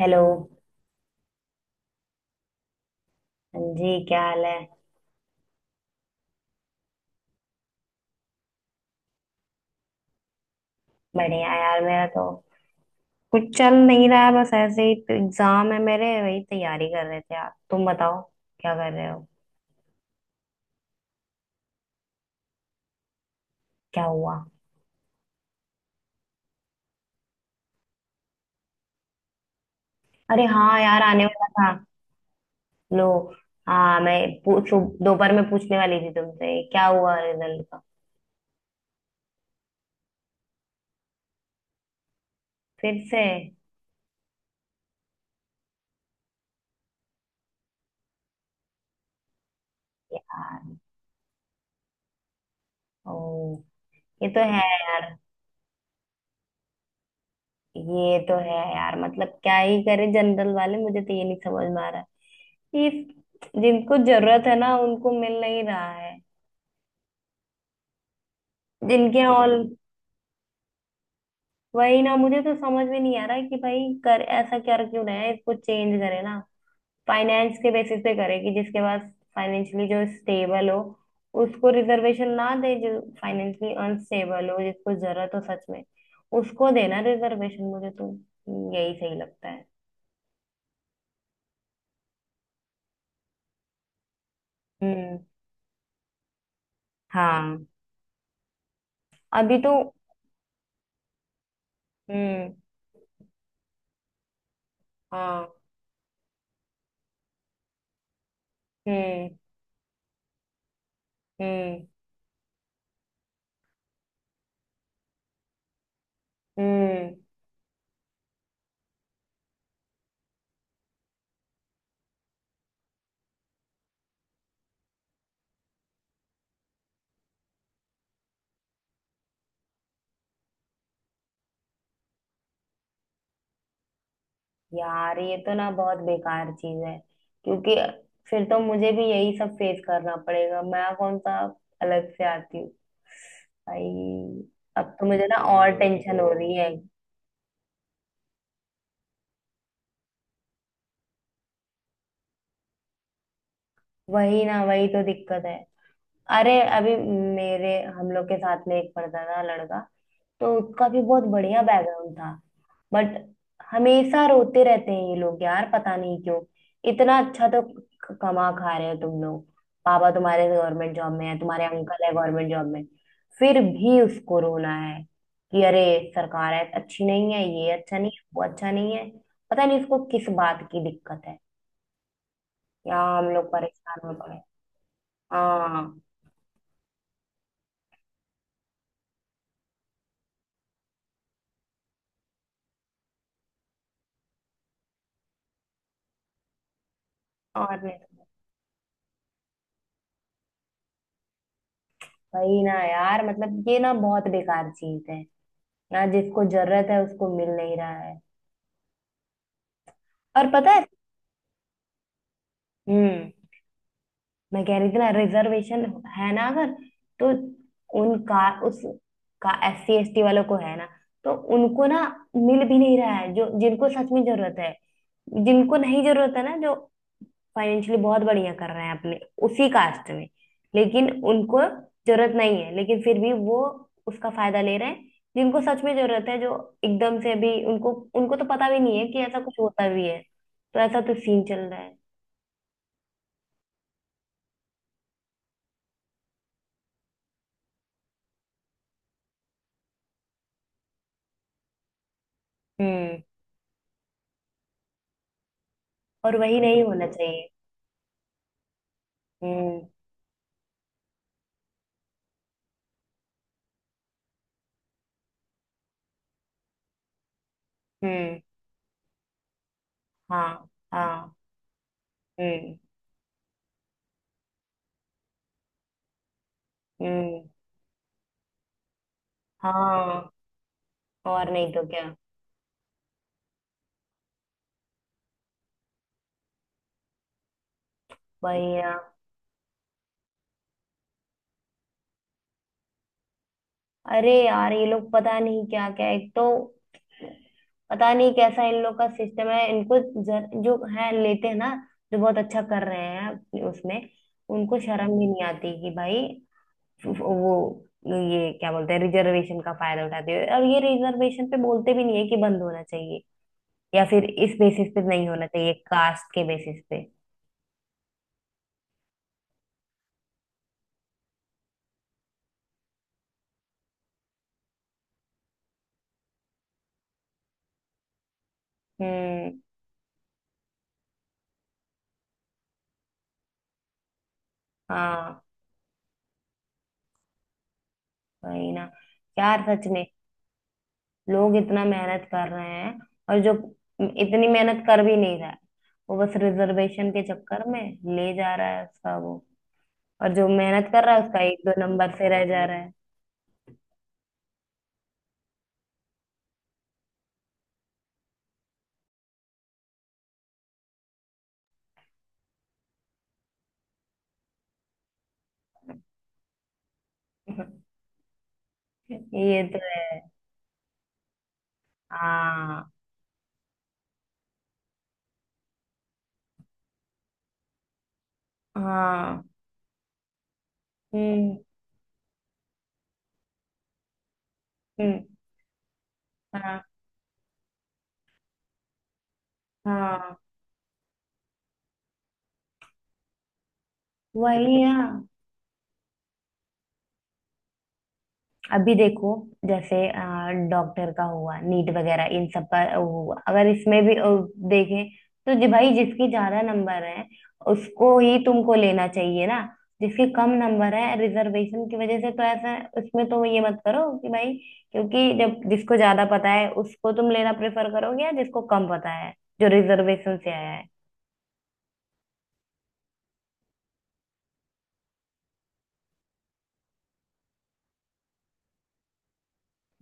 Hello. हाँ जी, क्या हाल है? बढ़िया यार, मेरा तो कुछ चल नहीं रहा है, बस ऐसे ही। तो एग्जाम है मेरे, वही तैयारी कर रहे थे। आप तुम बताओ क्या कर रहे हो? क्या हुआ? अरे हाँ यार, आने वाला था। लो। हाँ मैं पूछ... दोपहर में पूछने वाली थी तुमसे क्या हुआ रिजल्ट का। फिर से? यार। ओ। ये तो है यार। ये तो है यार, मतलब क्या ही करे जनरल वाले। मुझे तो ये नहीं समझ में आ रहा है, ये जिनको जरूरत है ना, उनको मिल नहीं रहा है। जिनके ऑल... वही ना, मुझे तो समझ में नहीं आ रहा है कि भाई कर ऐसा कर क्यों रहे हैं, इसको चेंज करे ना। फाइनेंस के बेसिस पे करे कि जिसके पास फाइनेंशियली जो स्टेबल हो उसको रिजर्वेशन ना दे। जो फाइनेंशियली अनस्टेबल हो, जिसको जरूरत हो सच में, उसको देना रिजर्वेशन। मुझे तो यही सही लगता है। हम्म। हाँ। अभी तो... हम्म। हाँ। हम्म। हम्म। हम्म। यार, ये तो ना बहुत बेकार चीज है। क्योंकि फिर तो मुझे भी यही सब फेस करना पड़ेगा। मैं कौन सा अलग से आती हूँ। भाई अब तो मुझे ना और हाँ तो टेंशन हो रही है। वही ना, वही तो दिक्कत है। अरे अभी मेरे हम लोग के साथ में एक पढ़ता था लड़का, तो उसका भी बहुत बढ़िया बैकग्राउंड था। बट हमेशा रोते रहते हैं ये लोग यार, पता नहीं क्यों। इतना अच्छा तो कमा खा रहे हो तुम लोग। पापा तुम्हारे गवर्नमेंट जॉब में है, तुम्हारे अंकल है गवर्नमेंट जॉब में। फिर भी उसको रोना है कि अरे सरकार है अच्छी नहीं है, ये अच्छा नहीं है, वो अच्छा नहीं है। पता नहीं उसको किस बात की दिक्कत है। यहाँ हम लोग परेशान में पड़े हैं। हाँ। और नहीं तो। वही ना यार, मतलब ये ना बहुत बेकार चीज है। ना जिसको जरूरत है उसको मिल नहीं रहा है। और पता है... हम्म। मैं कह रही थी ना, रिजर्वेशन है ना, अगर तो उन का उस का एस सी एस टी वालों को है ना, तो उनको ना मिल भी नहीं रहा है जो जिनको सच में जरूरत है। जिनको नहीं जरूरत है ना, जो फाइनेंशियली बहुत बढ़िया कर रहे हैं अपने उसी कास्ट में, लेकिन उनको जरूरत नहीं है, लेकिन फिर भी वो उसका फायदा ले रहे हैं। जिनको सच में जरूरत है, जो एकदम से अभी उनको उनको तो पता भी नहीं है कि ऐसा कुछ होता भी है। तो ऐसा तो सीन चल रहा है। हम्म। और वही नहीं होना चाहिए। हम्म। हम्म। हाँ। हाँ। हम्म। हम्म। हाँ। और नहीं तो क्या। वही ना। अरे यार ये लोग पता नहीं क्या क्या, एक तो पता नहीं कैसा इन लोग का सिस्टम है। इनको जो है लेते हैं ना, जो बहुत अच्छा कर रहे हैं अपने उसमें उनको शर्म भी नहीं आती कि भाई वो ये क्या बोलते हैं, रिजर्वेशन का फायदा उठाते हैं, और ये रिजर्वेशन पे बोलते भी नहीं है कि बंद होना चाहिए, या फिर इस बेसिस पे नहीं होना चाहिए, कास्ट के बेसिस पे। हम्म। हाँ। वही ना यार, सच में लोग इतना मेहनत कर रहे हैं, और जो इतनी मेहनत कर भी नहीं रहा है, वो बस रिजर्वेशन के चक्कर में ले जा रहा है उसका वो। और जो मेहनत कर रहा है उसका एक दो नंबर से रह जा रहा है। ये तो है। हाँ। हाँ। हम्म। हम्म। हाँ। हाँ। वही है। अभी देखो, जैसे डॉक्टर का हुआ, नीट वगैरह इन सब का हुआ, अगर इसमें भी देखें, तो जी भाई जिसकी ज्यादा नंबर है उसको ही तुमको लेना चाहिए ना। जिसके कम नंबर है रिजर्वेशन की वजह से, तो ऐसा उसमें तो ये मत करो कि भाई, क्योंकि जब जिसको ज्यादा पता है उसको तुम लेना प्रेफर करोगे या जिसको कम पता है जो रिजर्वेशन से आया है।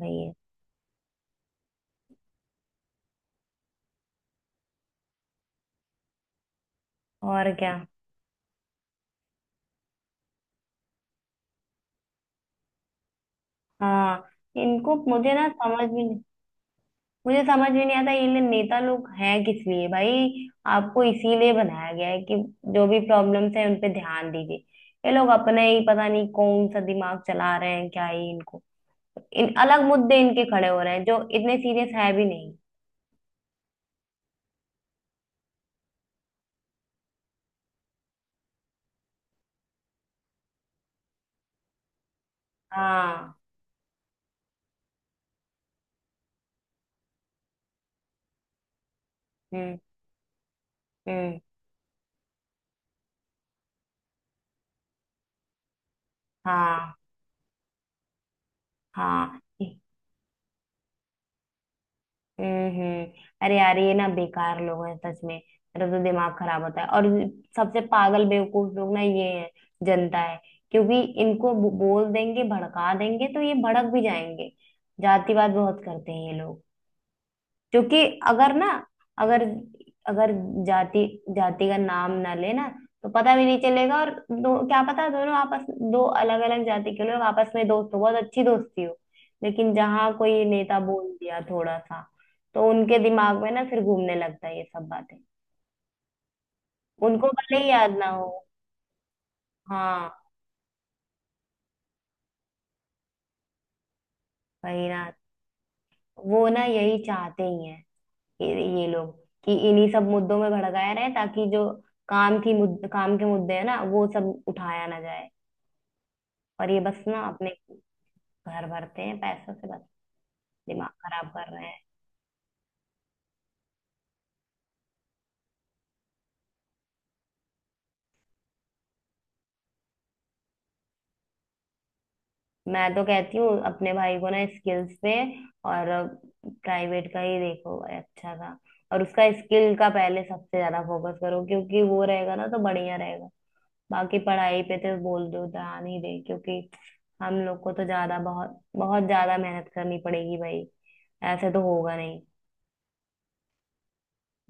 वही है। और क्या। हाँ। इनको मुझे ना समझ भी नहीं। मुझे समझ में नहीं आता ये नेता लोग हैं किस लिए भाई। आपको इसीलिए बनाया गया है कि जो भी प्रॉब्लम्स हैं उन पे ध्यान दीजिए। ये लोग अपना ही पता नहीं कौन सा दिमाग चला रहे हैं। क्या ही इनको। इन अलग मुद्दे इनके खड़े हो रहे हैं जो इतने सीरियस है भी नहीं। हाँ। हम्म। हम्म। हाँ। हाँ। हम्म। हम्म। अरे यार ये ना बेकार लोग हैं सच में, मेरा तो दिमाग खराब होता है। और सबसे पागल बेवकूफ लोग ना ये है, जनता है। क्योंकि इनको बोल देंगे, भड़का देंगे तो ये भड़क भी जाएंगे। जातिवाद बहुत करते हैं ये लोग। क्योंकि अगर ना, अगर अगर जाति, जाति का नाम ना लेना तो पता भी नहीं चलेगा। और दो, क्या पता, दोनों आपस... दो अलग अलग जाति के लोग आपस में दोस्त हो, बहुत अच्छी दोस्ती हो, लेकिन जहाँ कोई नेता बोल दिया थोड़ा सा, तो उनके दिमाग में ना फिर घूमने लगता है ये सब बातें। उनको भले ही याद ना हो। हाँ। वही ना। वो ना यही चाहते ही हैं, ये, ये लोग, कि इन्हीं सब मुद्दों में भड़काया रहे ताकि जो काम की मुद्दे, काम के मुद्दे है ना, वो सब उठाया ना जाए, और ये बस ना अपने घर भरते हैं पैसों से बस। दिमाग खराब कर रहे हैं। मैं तो कहती हूँ अपने भाई को ना, स्किल्स पे, और प्राइवेट का ही देखो, अच्छा था। और उसका स्किल का पहले सबसे ज्यादा फोकस करो, क्योंकि वो रहेगा ना तो बढ़िया रहेगा। बाकी पढ़ाई पे तो बोल दो ध्यान ही दे, क्योंकि हम लोग को तो ज्यादा, बहुत बहुत ज्यादा मेहनत करनी पड़ेगी भाई, ऐसे तो होगा नहीं।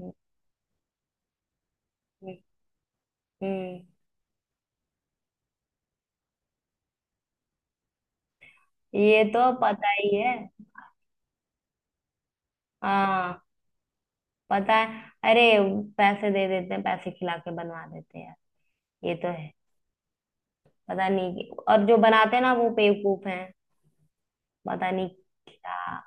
हम्म। हम्म, हम्म। ये तो पता ही है। हाँ। पता है। अरे पैसे दे देते हैं, पैसे खिला के बनवा देते हैं यार, ये तो है। पता नहीं कि- और जो बनाते हैं ना वो बेवकूफ हैं। पता नहीं। क्या?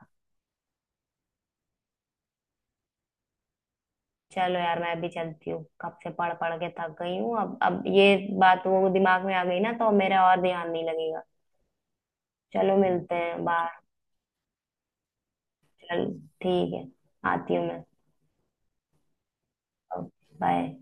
चलो यार, मैं भी चलती हूँ, कब से पढ़ पढ़ के थक गई हूँ। अब ये बात वो दिमाग में आ गई ना, तो अब मेरा और ध्यान नहीं लगेगा। चलो मिलते हैं बाहर। चल। ठीक है, आती हूँ मैं। बाय।